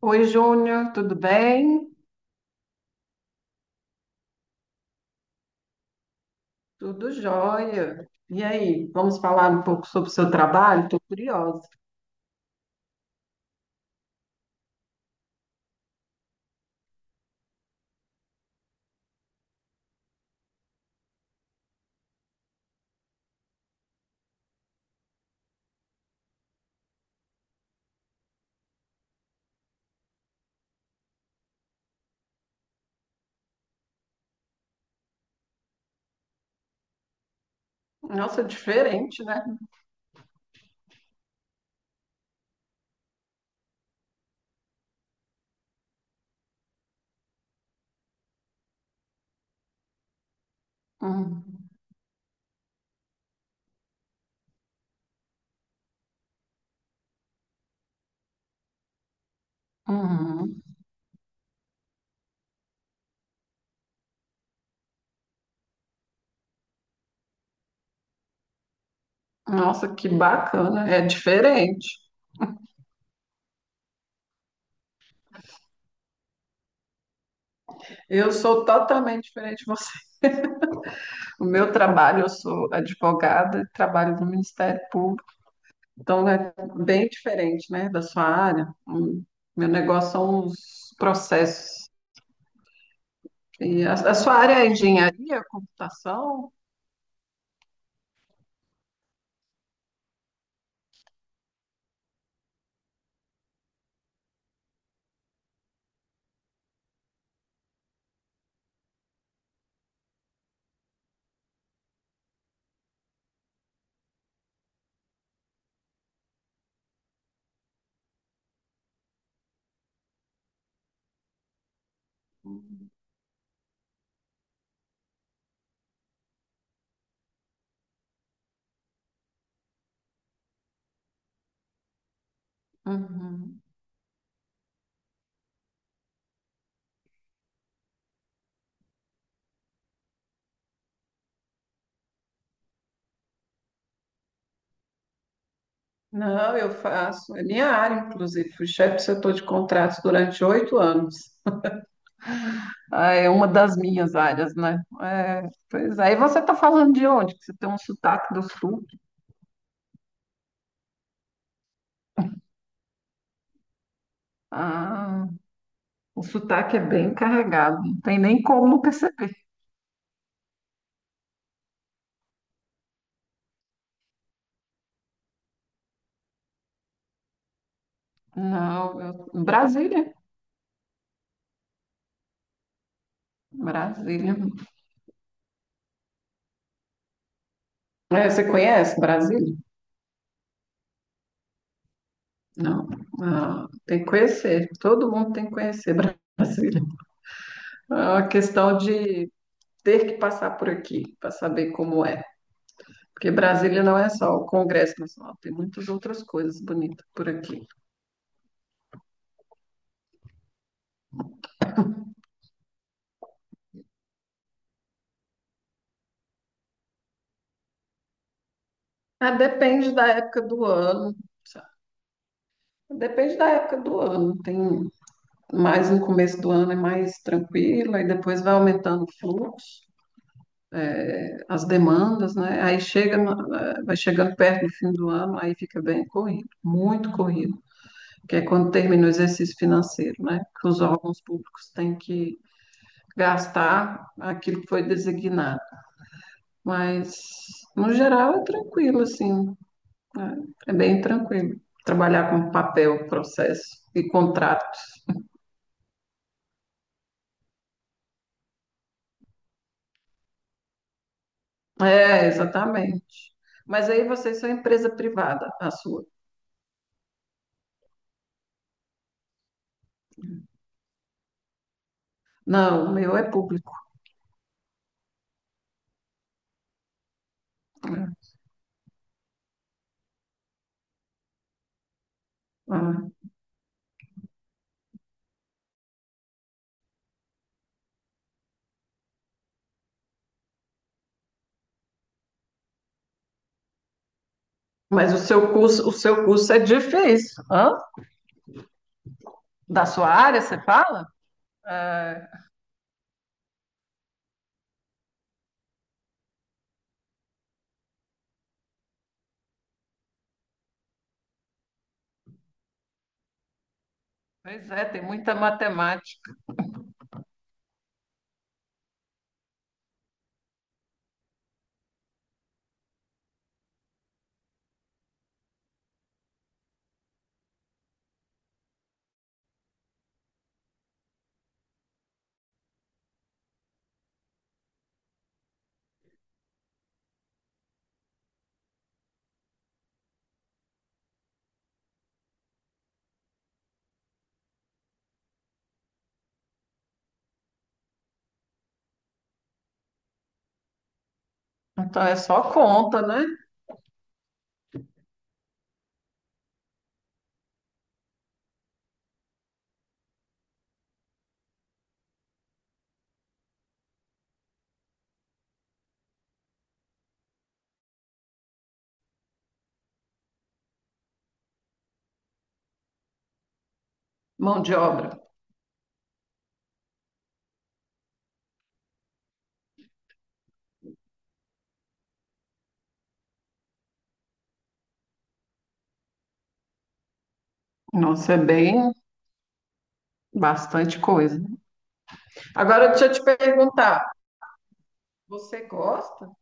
Oi, Júnior, tudo bem? Tudo jóia. E aí, vamos falar um pouco sobre o seu trabalho? Estou curiosa. Nossa, é diferente, né? Uhum. Uhum. Nossa, que bacana. É diferente. Eu sou totalmente diferente de você. O meu trabalho, eu sou advogada, trabalho no Ministério Público, então é bem diferente, né, da sua área. Hum. Meu negócio são os processos. E a sua área é engenharia, computação? Uhum. Não, eu faço, é minha área, inclusive. Fui chefe do setor de contratos durante 8 anos. Ah, é uma das minhas áreas, né? É, pois é. Aí você está falando de onde? Que você tem um sotaque do sul. Ah, o sotaque é bem carregado, não tem nem como perceber. Não, eu- Brasília, Brasília. É, você conhece Brasília? Não. Ah, tem que conhecer, todo mundo tem que conhecer Brasília. É uma questão de ter que passar por aqui para saber como é. Porque Brasília não é só o Congresso Nacional, tem muitas outras coisas bonitas por aqui. Ah, depende da época do ano, sabe? Depende da época do ano. Tem mais no começo do ano é mais tranquilo, aí depois vai aumentando o fluxo, as demandas, né? Aí vai chegando perto do fim do ano, aí fica bem corrido, muito corrido, que é quando termina o exercício financeiro, né? Que os órgãos públicos têm que gastar aquilo que foi designado. Mas, no geral, é tranquilo, assim. É, é bem tranquilo. Trabalhar com papel, processo e contrato. É, exatamente. Mas aí vocês são empresa privada, a sua. Não, o meu é público. Né? Ah, mas o seu curso é difícil. Hã? Da sua área, você fala? É, pois é, tem muita matemática. Então é só conta, né? Mão de obra. Nossa, é bem bastante coisa. Agora deixa eu te perguntar. Você gosta?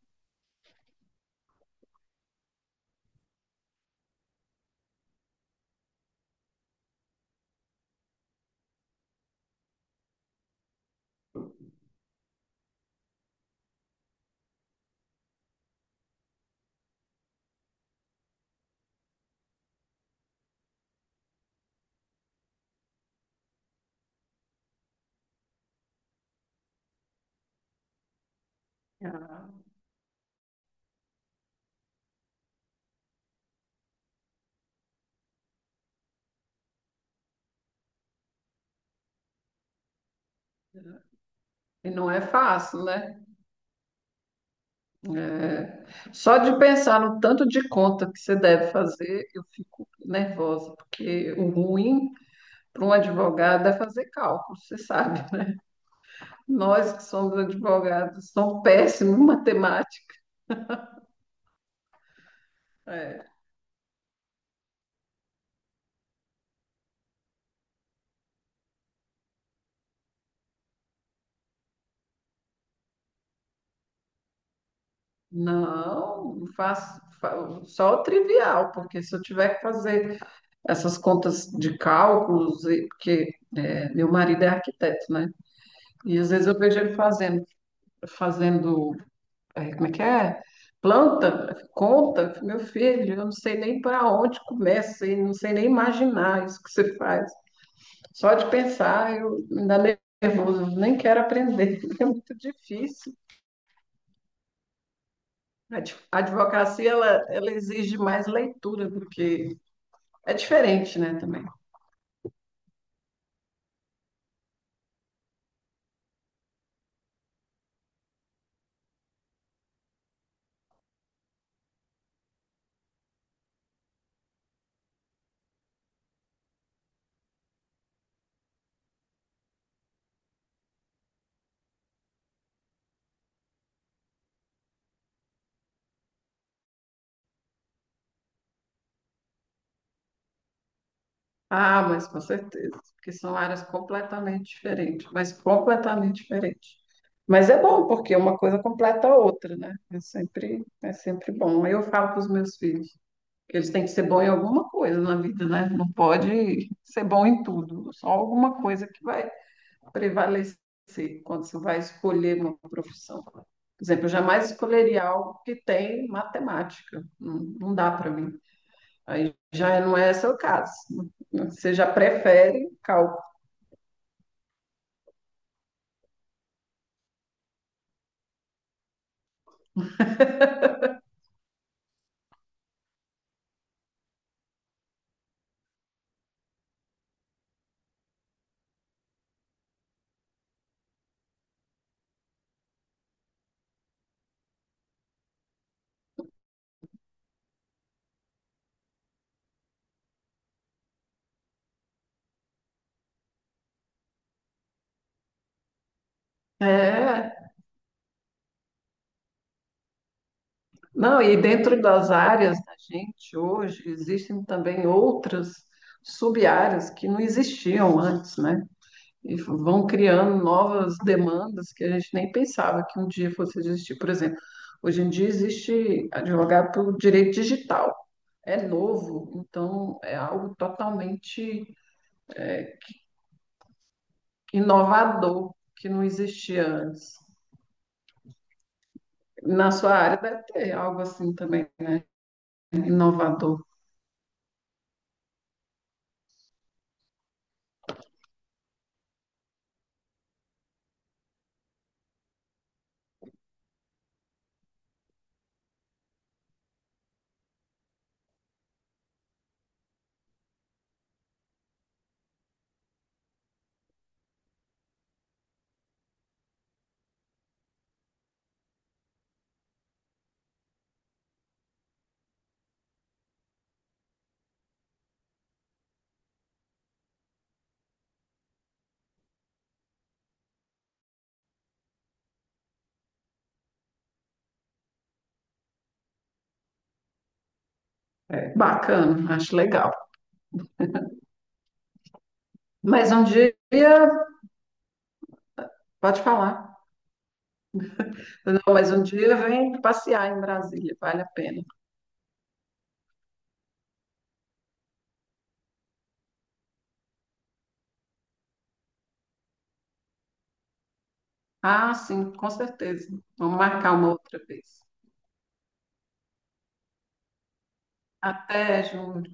Ah, e não é fácil, né? É. Só de pensar no tanto de conta que você deve fazer, eu fico nervosa, porque o ruim para um advogado é fazer cálculo, você sabe. Nós que somos advogados somos péssimos em matemática. É. Não, eu só o trivial, porque se eu tiver que fazer essas contas de cálculos, e- porque é, meu marido é arquiteto, né? E às vezes eu vejo ele fazendo, é, como é que é? Planta, conta, meu filho, eu não sei nem para onde começa e não sei nem imaginar isso que você faz. Só de pensar, eu me dá nervoso, eu nem quero aprender, é muito difícil. A advocacia, ela exige mais leitura, porque é diferente, né, também. Ah, mas com certeza, porque são áreas completamente diferentes. Mas é bom, porque uma coisa completa a outra, né? É sempre bom. Eu falo para os meus filhos que eles têm que ser bom em alguma coisa na vida, né? Não pode ser bom em tudo, só alguma coisa que vai prevalecer quando você vai escolher uma profissão. Por exemplo, eu jamais escolheria algo que tem matemática. Não, não dá para mim. Aí já é, não é seu caso. Você já prefere cálculo. É, não, e dentro das áreas da gente hoje, existem também outras sub-áreas que não existiam antes, né? E vão criando novas demandas que a gente nem pensava que um dia fosse existir. Por exemplo, hoje em dia existe advogado pelo direito digital. É novo, então é algo totalmente inovador que não existia antes. Na sua área deve ter algo assim também, né? Inovador. É, bacana, acho legal. Mas um dia, pode falar. Não, mas um dia vem passear em Brasília, vale a pena. Ah, sim, com certeza. Vamos marcar uma outra vez. Até, Júnior.